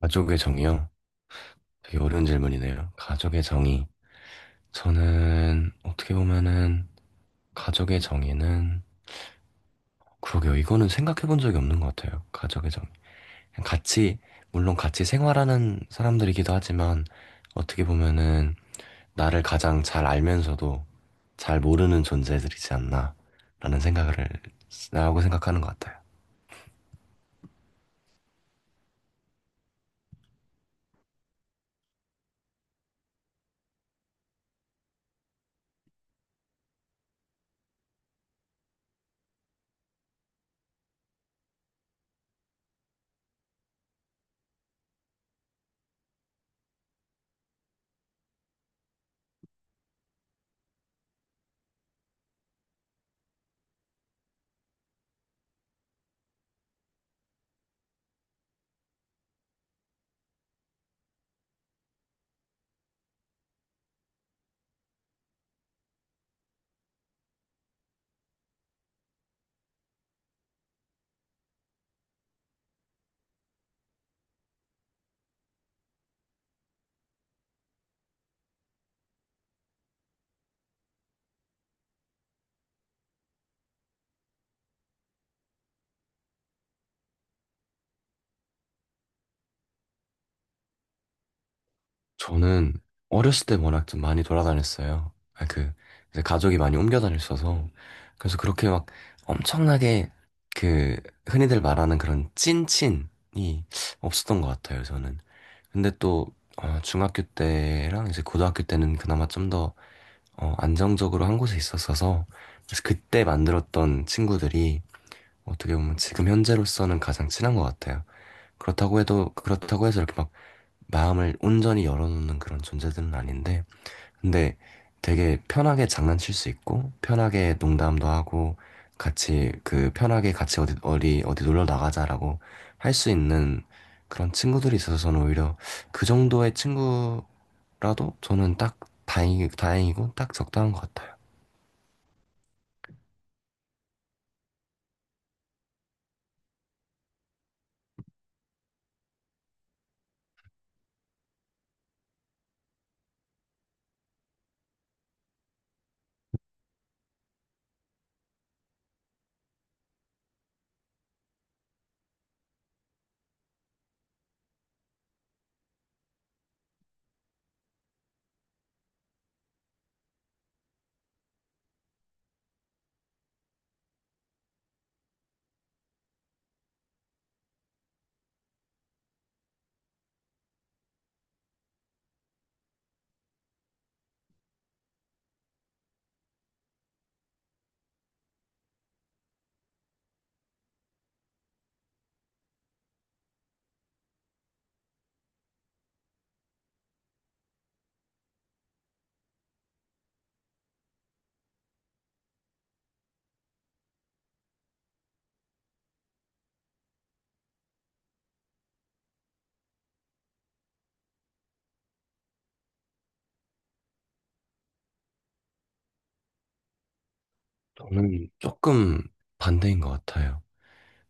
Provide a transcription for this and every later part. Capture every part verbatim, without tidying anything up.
가족의 정의요? 되게 어려운 질문이네요. 가족의 정의. 저는 어떻게 보면은 가족의 정의는 그러게요. 이거는 생각해 본 적이 없는 것 같아요. 가족의 정의. 그냥 같이, 물론 같이 생활하는 사람들이기도 하지만 어떻게 보면은 나를 가장 잘 알면서도 잘 모르는 존재들이지 않나라는 생각을, 라고 생각하는 것 같아요. 저는 어렸을 때 워낙 좀 많이 돌아다녔어요. 아, 그, 이제 가족이 많이 옮겨 다녔어서. 그래서 그렇게 막 엄청나게 그, 흔히들 말하는 그런 찐친이 없었던 것 같아요, 저는. 근데 또, 어, 중학교 때랑 이제 고등학교 때는 그나마 좀 더, 어, 안정적으로 한 곳에 있었어서. 그래서 그때 만들었던 친구들이 어떻게 보면 지금 현재로서는 가장 친한 것 같아요. 그렇다고 해도, 그렇다고 해서 이렇게 막 마음을 온전히 열어놓는 그런 존재들은 아닌데, 근데 되게 편하게 장난칠 수 있고, 편하게 농담도 하고, 같이, 그, 편하게 같이 어디, 어디, 어디 놀러 나가자라고 할 수 있는 그런 친구들이 있어서 저는 오히려 그 정도의 친구라도 저는 딱 다행이, 다행이고, 딱 적당한 것 같아요. 저는 조금 반대인 것 같아요.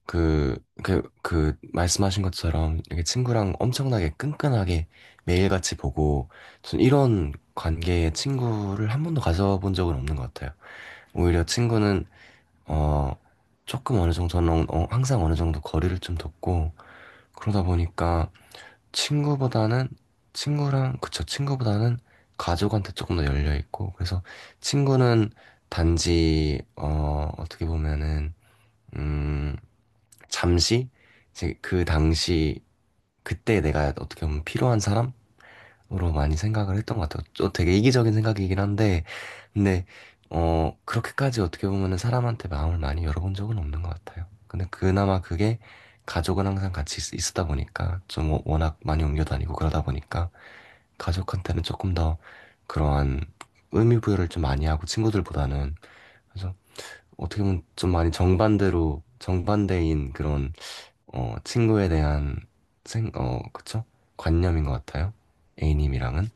그, 그, 그, 말씀하신 것처럼, 이렇게 친구랑 엄청나게 끈끈하게 매일같이 보고, 전 이런 관계의 친구를 한 번도 가져본 적은 없는 것 같아요. 오히려 친구는, 어, 조금 어느 정도는, 어, 항상 어느 정도 거리를 좀 뒀고, 그러다 보니까 친구보다는, 친구랑, 그쵸, 친구보다는 가족한테 조금 더 열려있고, 그래서 친구는 단지, 어, 어떻게 보면은, 음, 잠시 이제 그 당시 그때 내가 어떻게 보면 필요한 사람으로 많이 생각을 했던 것 같아요. 또 되게 이기적인 생각이긴 한데 근데 어 그렇게까지 어떻게 보면은 사람한테 마음을 많이 열어본 적은 없는 것 같아요. 근데 그나마 그게 가족은 항상 같이 있- 있었다 보니까 좀 워- 워낙 많이 옮겨 다니고 그러다 보니까 가족한테는 조금 더 그러한 의미 부여를 좀 많이 하고 친구들보다는 그래서 어떻게 보면 좀 많이 정반대로 정반대인 그런 어, 친구에 대한 생, 어, 그쵸? 관념인 것 같아요. A님이랑은.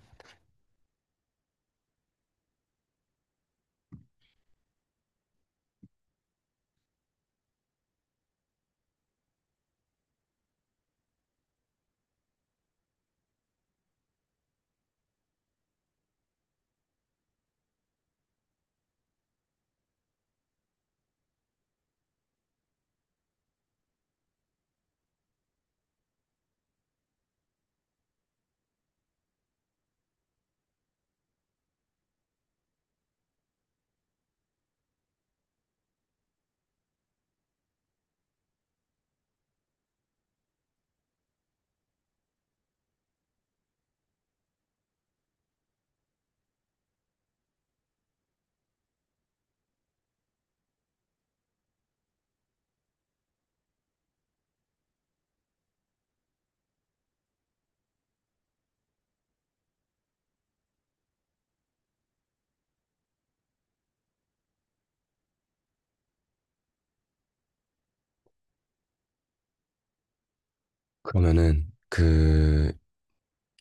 그러면은 그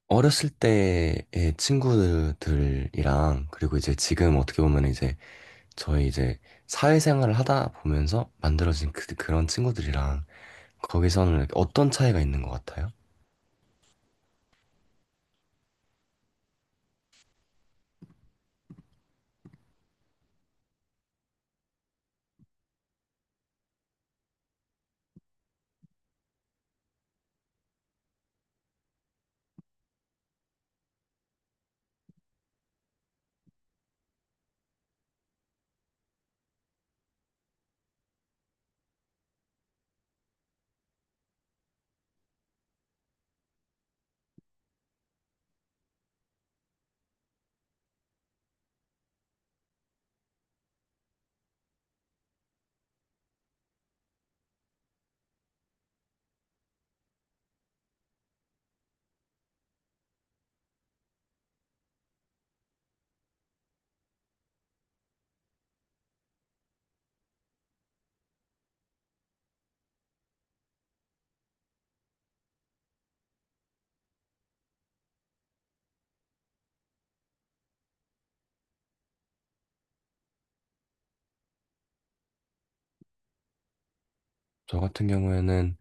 어렸을 때의 친구들이랑 그리고 이제 지금 어떻게 보면 이제 저희 이제 사회생활을 하다 보면서 만들어진 그, 그런 친구들이랑 거기서는 어떤 차이가 있는 것 같아요? 저 같은 경우에는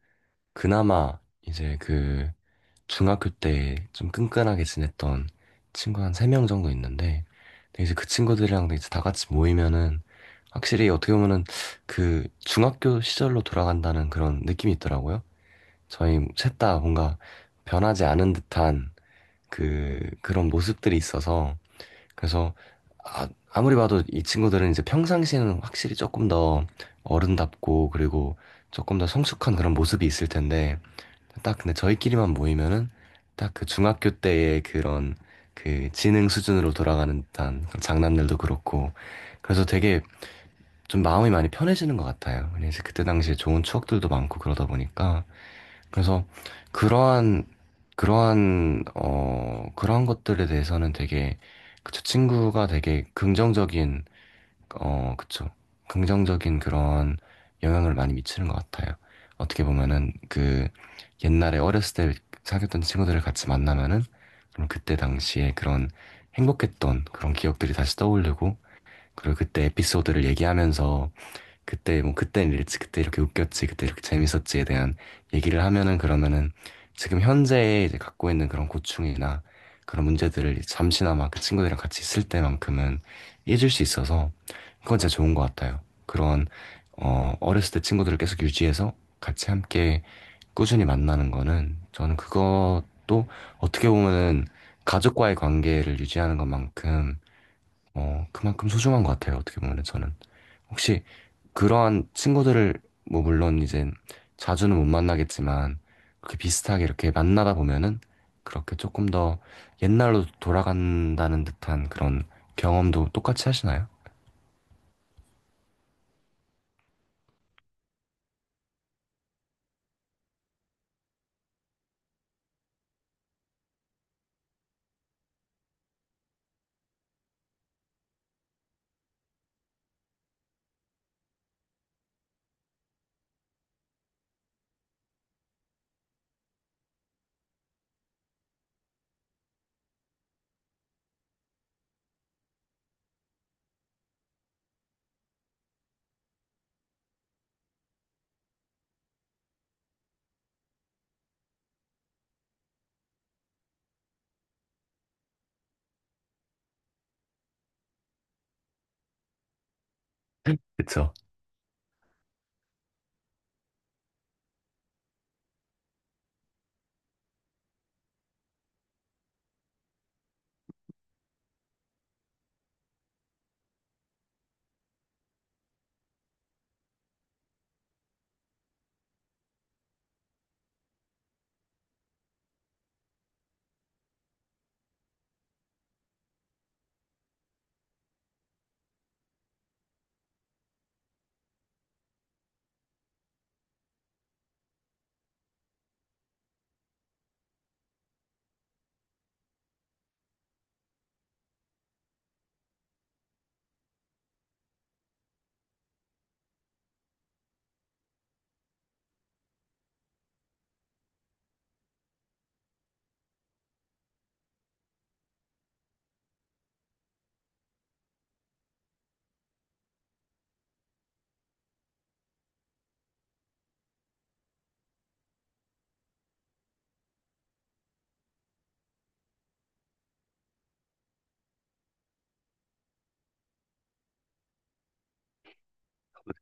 그나마 이제 그 중학교 때 좀 끈끈하게 지냈던 친구 한 세 명 정도 있는데, 근데 이제 그 친구들이랑도 이제 다 같이 모이면은, 확실히 어떻게 보면은 그 중학교 시절로 돌아간다는 그런 느낌이 있더라고요. 저희 셋 다 뭔가 변하지 않은 듯한 그, 그런 모습들이 있어서, 그래서, 아, 아무리 봐도 이 친구들은 이제 평상시에는 확실히 조금 더 어른답고, 그리고 조금 더 성숙한 그런 모습이 있을 텐데, 딱 근데 저희끼리만 모이면은 딱 그 중학교 때의 그런 그 지능 수준으로 돌아가는 듯한 그런 장난들도 그렇고 그래서 되게 좀 마음이 많이 편해지는 것 같아요. 왜냐면 이제 그때 당시에 좋은 추억들도 많고 그러다 보니까 그래서 그러한 그러한 어 그러한 것들에 대해서는 되게 그저 친구가 되게 긍정적인 어, 그쵸. 긍정적인 그런 영향을 많이 미치는 것 같아요. 어떻게 보면은 그 옛날에 어렸을 때 사귀었던 친구들을 같이 만나면은 그럼 그때 당시에 그런 행복했던 그런 기억들이 다시 떠오르고 그리고 그때 에피소드를 얘기하면서 그때 뭐 그땐 이랬지 그때 이렇게 웃겼지 그때 이렇게 재밌었지에 대한 얘기를 하면은 그러면은 지금 현재 이제 갖고 있는 그런 고충이나 그런 문제들을 잠시나마 그 친구들이랑 같이 있을 때만큼은 잊을 수 있어서 그건 진짜 좋은 것 같아요. 그런 어 어렸을 때 친구들을 계속 유지해서 같이 함께 꾸준히 만나는 거는 저는 그것도 어떻게 보면은 가족과의 관계를 유지하는 것만큼 어 그만큼 소중한 것 같아요. 어떻게 보면은 저는. 혹시 그러한 친구들을 뭐 물론 이제 자주는 못 만나겠지만 그렇게 비슷하게 이렇게 만나다 보면은 그렇게 조금 더 옛날로 돌아간다는 듯한 그런 경험도 똑같이 하시나요? 그쵸.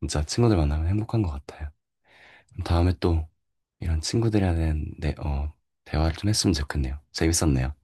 진짜 친구들 만나면 행복한 것 같아요. 그럼 다음에 또 이런 친구들에 대한 네, 어, 대화를 좀 했으면 좋겠네요. 재밌었네요.